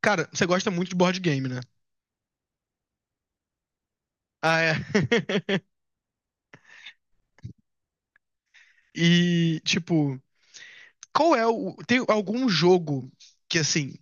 Cara, você gosta muito de board game, né? Ah, é. E, tipo, qual é o. Tem algum jogo que, assim,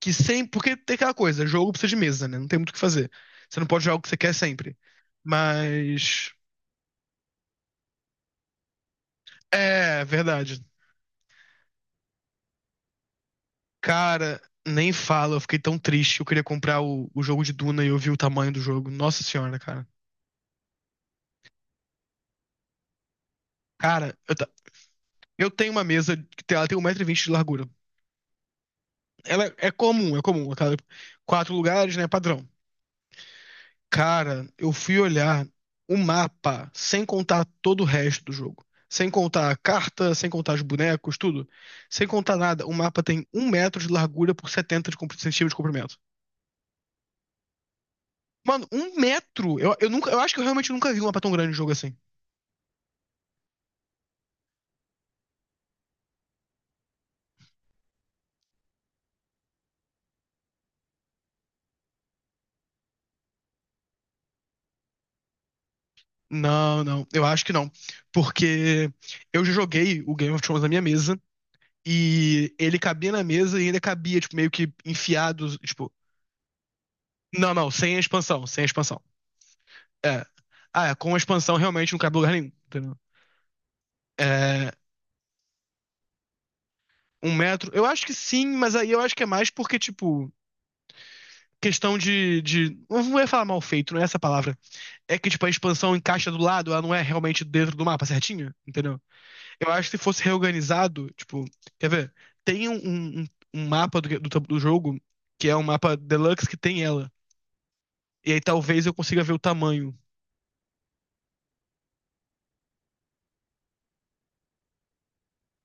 que sempre. Porque tem aquela coisa, jogo precisa de mesa, né? Não tem muito o que fazer. Você não pode jogar o que você quer sempre. Mas. É, verdade. Cara, nem fala, eu fiquei tão triste. Eu queria comprar o jogo de Duna e eu vi o tamanho do jogo. Nossa senhora, cara. Cara, eu tenho uma mesa ela tem 1,20 m de largura. Ela é comum, é comum. Quatro lugares, né? Padrão. Cara, eu fui olhar o mapa sem contar todo o resto do jogo. Sem contar a carta, sem contar os bonecos, tudo. Sem contar nada. O mapa tem 1 m de largura por 70 de centímetros de comprimento. Mano, 1 m! Eu, nunca, eu acho que eu realmente nunca vi um mapa tão grande de jogo assim. Não, não, eu acho que não. Porque eu já joguei o Game of Thrones na minha mesa e ele cabia na mesa e ainda cabia, tipo, meio que enfiado, tipo. Não, não, sem a expansão, sem a expansão. Ah, é, com a expansão realmente não cabe em lugar nenhum. Entendeu? Um metro? Eu acho que sim, mas aí eu acho que é mais porque, tipo, questão de. Não ia falar mal feito, não é essa a palavra. É que, tipo, a expansão encaixa do lado, ela não é realmente dentro do mapa certinho, entendeu? Eu acho que se fosse reorganizado, tipo, quer ver? Tem um mapa do jogo, que é um mapa deluxe que tem ela. E aí talvez eu consiga ver o tamanho.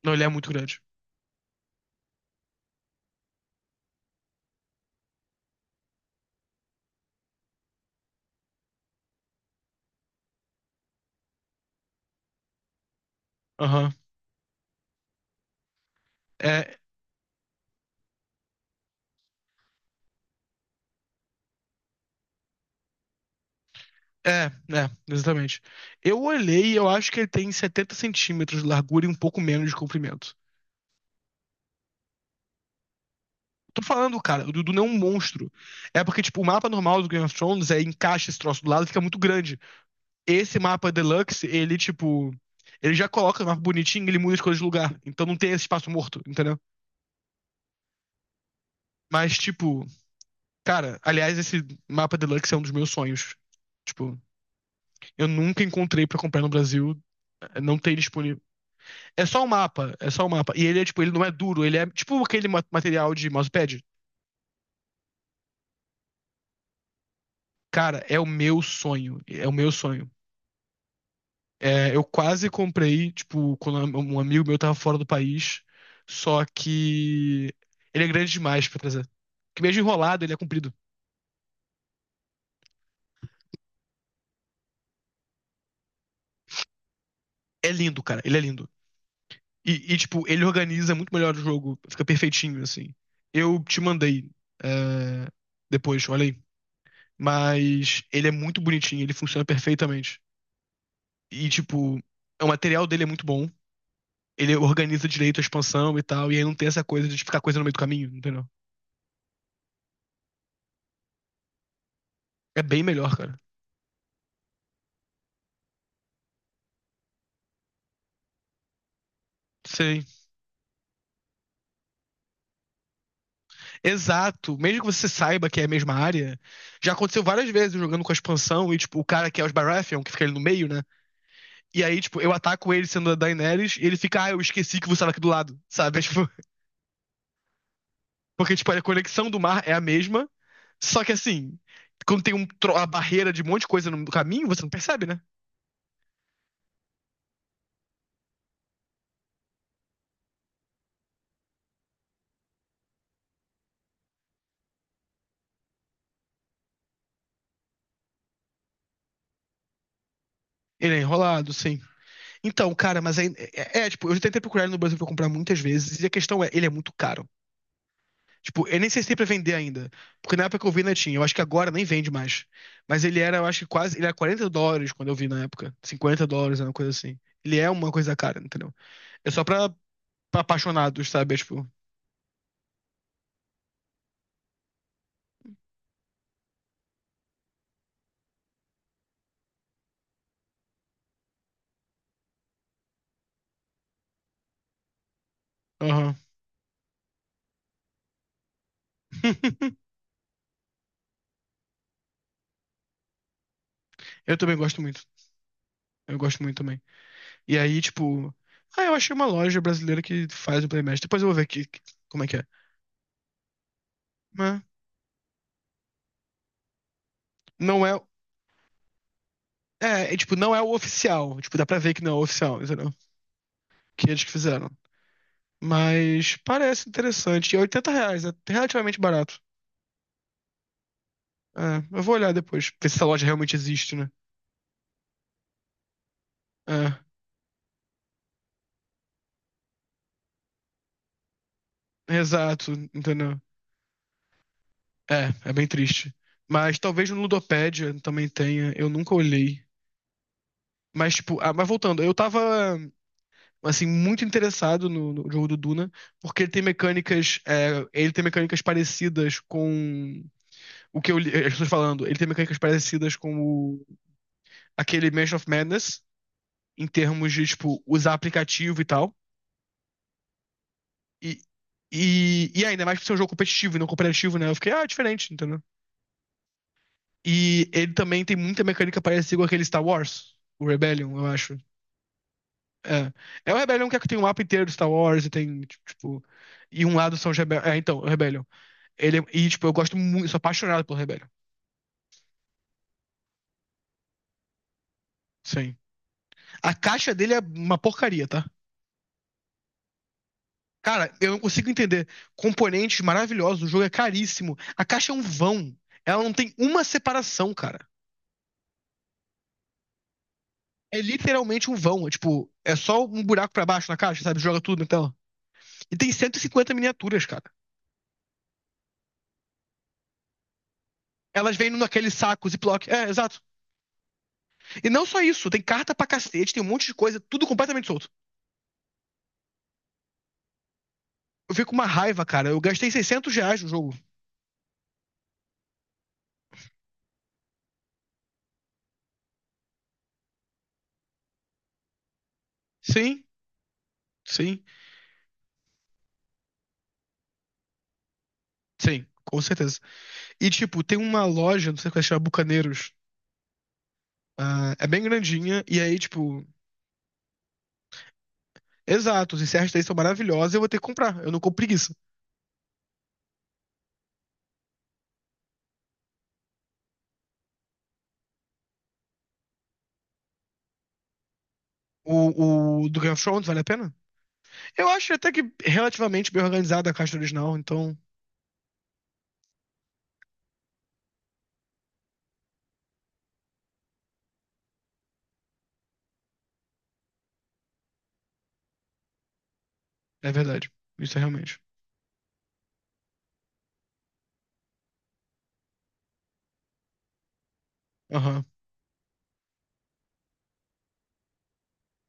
Não, ele é muito grande. Aham. É, é, é, exatamente. Eu olhei e eu acho que ele tem 70 cm de largura e um pouco menos de comprimento. Tô falando, cara, o Dudu não é um monstro. É porque, tipo, o mapa normal do Game of Thrones é encaixa esse troço do lado, e fica muito grande. Esse mapa Deluxe, ele, tipo, ele já coloca o mapa bonitinho, e ele muda as coisas de lugar. Então não tem esse espaço morto, entendeu? Mas, tipo, cara, aliás, esse mapa Deluxe é um dos meus sonhos. Tipo, eu nunca encontrei pra comprar no Brasil, não tem disponível. É só o mapa, é só o mapa. E ele é, tipo, ele não é duro, ele é tipo aquele material de mousepad. Cara, é o meu sonho, é o meu sonho. É, eu quase comprei, tipo, quando um amigo meu tava fora do país, só que ele é grande demais pra trazer. Que mesmo enrolado, ele é comprido. É lindo, cara, ele é lindo. E, tipo, ele organiza muito melhor o jogo, fica perfeitinho, assim. Eu te mandei, é, depois, olha aí. Mas ele é muito bonitinho, ele funciona perfeitamente. E, tipo, o material dele é muito bom. Ele organiza direito a expansão e tal, e aí não tem essa coisa de ficar coisa no meio do caminho, entendeu? É bem melhor, cara. Sim. Exato. Mesmo que você saiba que é a mesma área, já aconteceu várias vezes eu jogando com a expansão e, tipo, o cara que é os Baratheon, que fica ali no meio, né? E aí, tipo, eu ataco ele sendo a Daenerys e ele fica, ah, eu esqueci que você estava aqui do lado, sabe? É, tipo, porque, tipo, a conexão do mar é a mesma, só que assim, quando tem a barreira de um monte de coisa no caminho, você não percebe, né? Ele é enrolado, sim. Então, cara, tipo, eu já tentei procurar ele no Brasil pra comprar muitas vezes e a questão é, ele é muito caro. Tipo, eu nem sei se tem pra vender ainda. Porque na época que eu vi, não tinha. Eu acho que agora nem vende mais. Mas ele era, eu acho que quase. Ele era US$ 40 quando eu vi na época. US$ 50, era uma coisa assim. Ele é uma coisa cara, entendeu? É só pra apaixonados, sabe? É, tipo. Aham. Eu também gosto muito. Eu gosto muito também. E aí, tipo. Ah, eu achei uma loja brasileira que faz o Playmatch. Depois eu vou ver aqui como é que é. Mas não é. É, tipo, não é o oficial. Tipo, dá pra ver que não é o oficial, entendeu? Que eles que fizeram. Mas parece interessante. E é R$ 80, é relativamente barato. É, eu vou olhar depois, ver se essa loja realmente existe, né? É, exato, entendeu? É, bem triste. Mas talvez no Ludopédia também tenha, eu nunca olhei. Mas, tipo, ah, mas voltando, eu tava, assim, muito interessado no jogo do Duna, porque ele tem mecânicas, é, ele tem mecânicas parecidas com o que eu li, as pessoas falando, ele tem mecânicas parecidas com aquele Mansion of Madness, em termos de, tipo, usar aplicativo e tal. E, e, ainda mais por ser um jogo competitivo e não cooperativo, né? Eu fiquei, ah, é diferente, entendeu? E ele também tem muita mecânica parecida com aquele Star Wars, o Rebellion, eu acho. É. É o Rebellion que é que tem um mapa inteiro do Star Wars e tem, tipo. E um lado são os Rebellion. É, então, o Rebellion. E, tipo, eu gosto muito, sou apaixonado pelo Rebellion. Sim. A caixa dele é uma porcaria, tá? Cara, eu não consigo entender. Componentes maravilhosos, o jogo é caríssimo. A caixa é um vão. Ela não tem uma separação, cara. É literalmente um vão. É, tipo, é só um buraco pra baixo na caixa, sabe? Joga tudo na tela. E tem 150 miniaturas, cara. Elas vêm naquele saco Ziploc. É, exato. E não só isso, tem carta pra cacete, tem um monte de coisa, tudo completamente solto. Eu fico com uma raiva, cara. Eu gastei R$ 600 no jogo. Sim, sim, sim, com certeza. E, tipo, tem uma loja, não sei se é, chama Bucaneiros. Ah, é bem grandinha, e aí, tipo. Exato, os encerros daí são maravilhosos, e eu vou ter que comprar. Eu não compro preguiça. O do Game of Thrones vale a pena? Eu acho até que relativamente bem organizada a caixa original, então é verdade. Isso é realmente. Aham,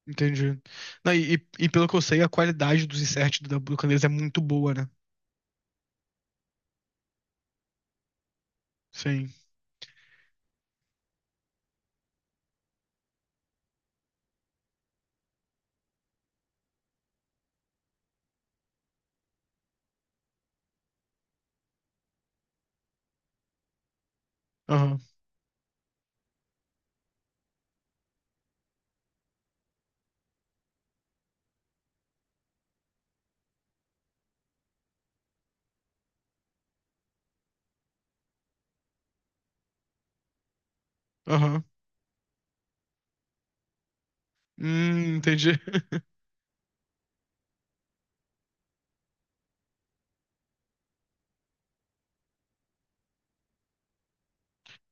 entendi. Não, e pelo que eu sei, a qualidade dos inserts do Candeias é muito boa, né? Sim. Aham, aham. Entendi.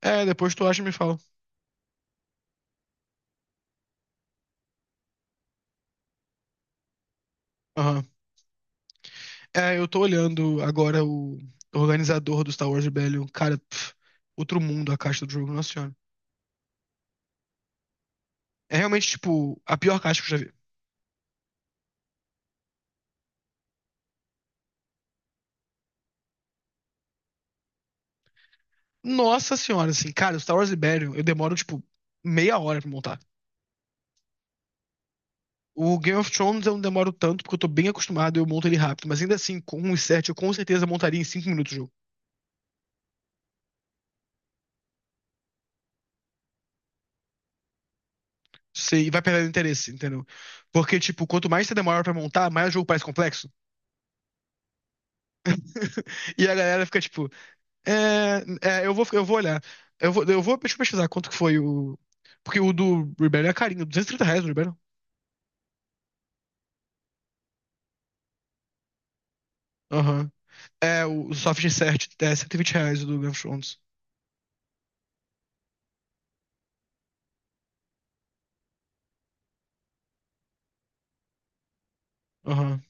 É, depois tu acha e me fala. Aham. É, eu tô olhando agora o organizador do Star Wars Rebellion. Cara, pff, outro mundo a caixa do jogo, nossa senhora. É realmente, tipo, a pior caixa que eu já vi. Nossa senhora, assim, cara, o Star Wars Rebellion, eu demoro, tipo, meia hora pra montar. O Game of Thrones eu não demoro tanto, porque eu tô bem acostumado e eu monto ele rápido. Mas ainda assim, com um set, eu com certeza montaria em 5 minutos o jogo. Você e vai perdendo interesse, entendeu? Porque, tipo, quanto mais você demora pra montar, mais o jogo parece complexo. E a galera fica, tipo, eu vou olhar. Eu vou deixa eu pesquisar quanto que foi o. Porque o do Rebellion é carinho, R$ 230 o Rebellion. Aham. É, o soft insert é R$ 120 o do Game of Thrones. Aham.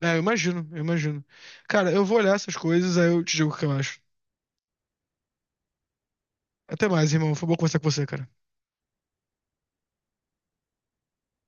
É, eu imagino, eu imagino. Cara, eu vou olhar essas coisas, aí eu te digo o que eu acho. Até mais, irmão. Foi bom conversar com você, cara.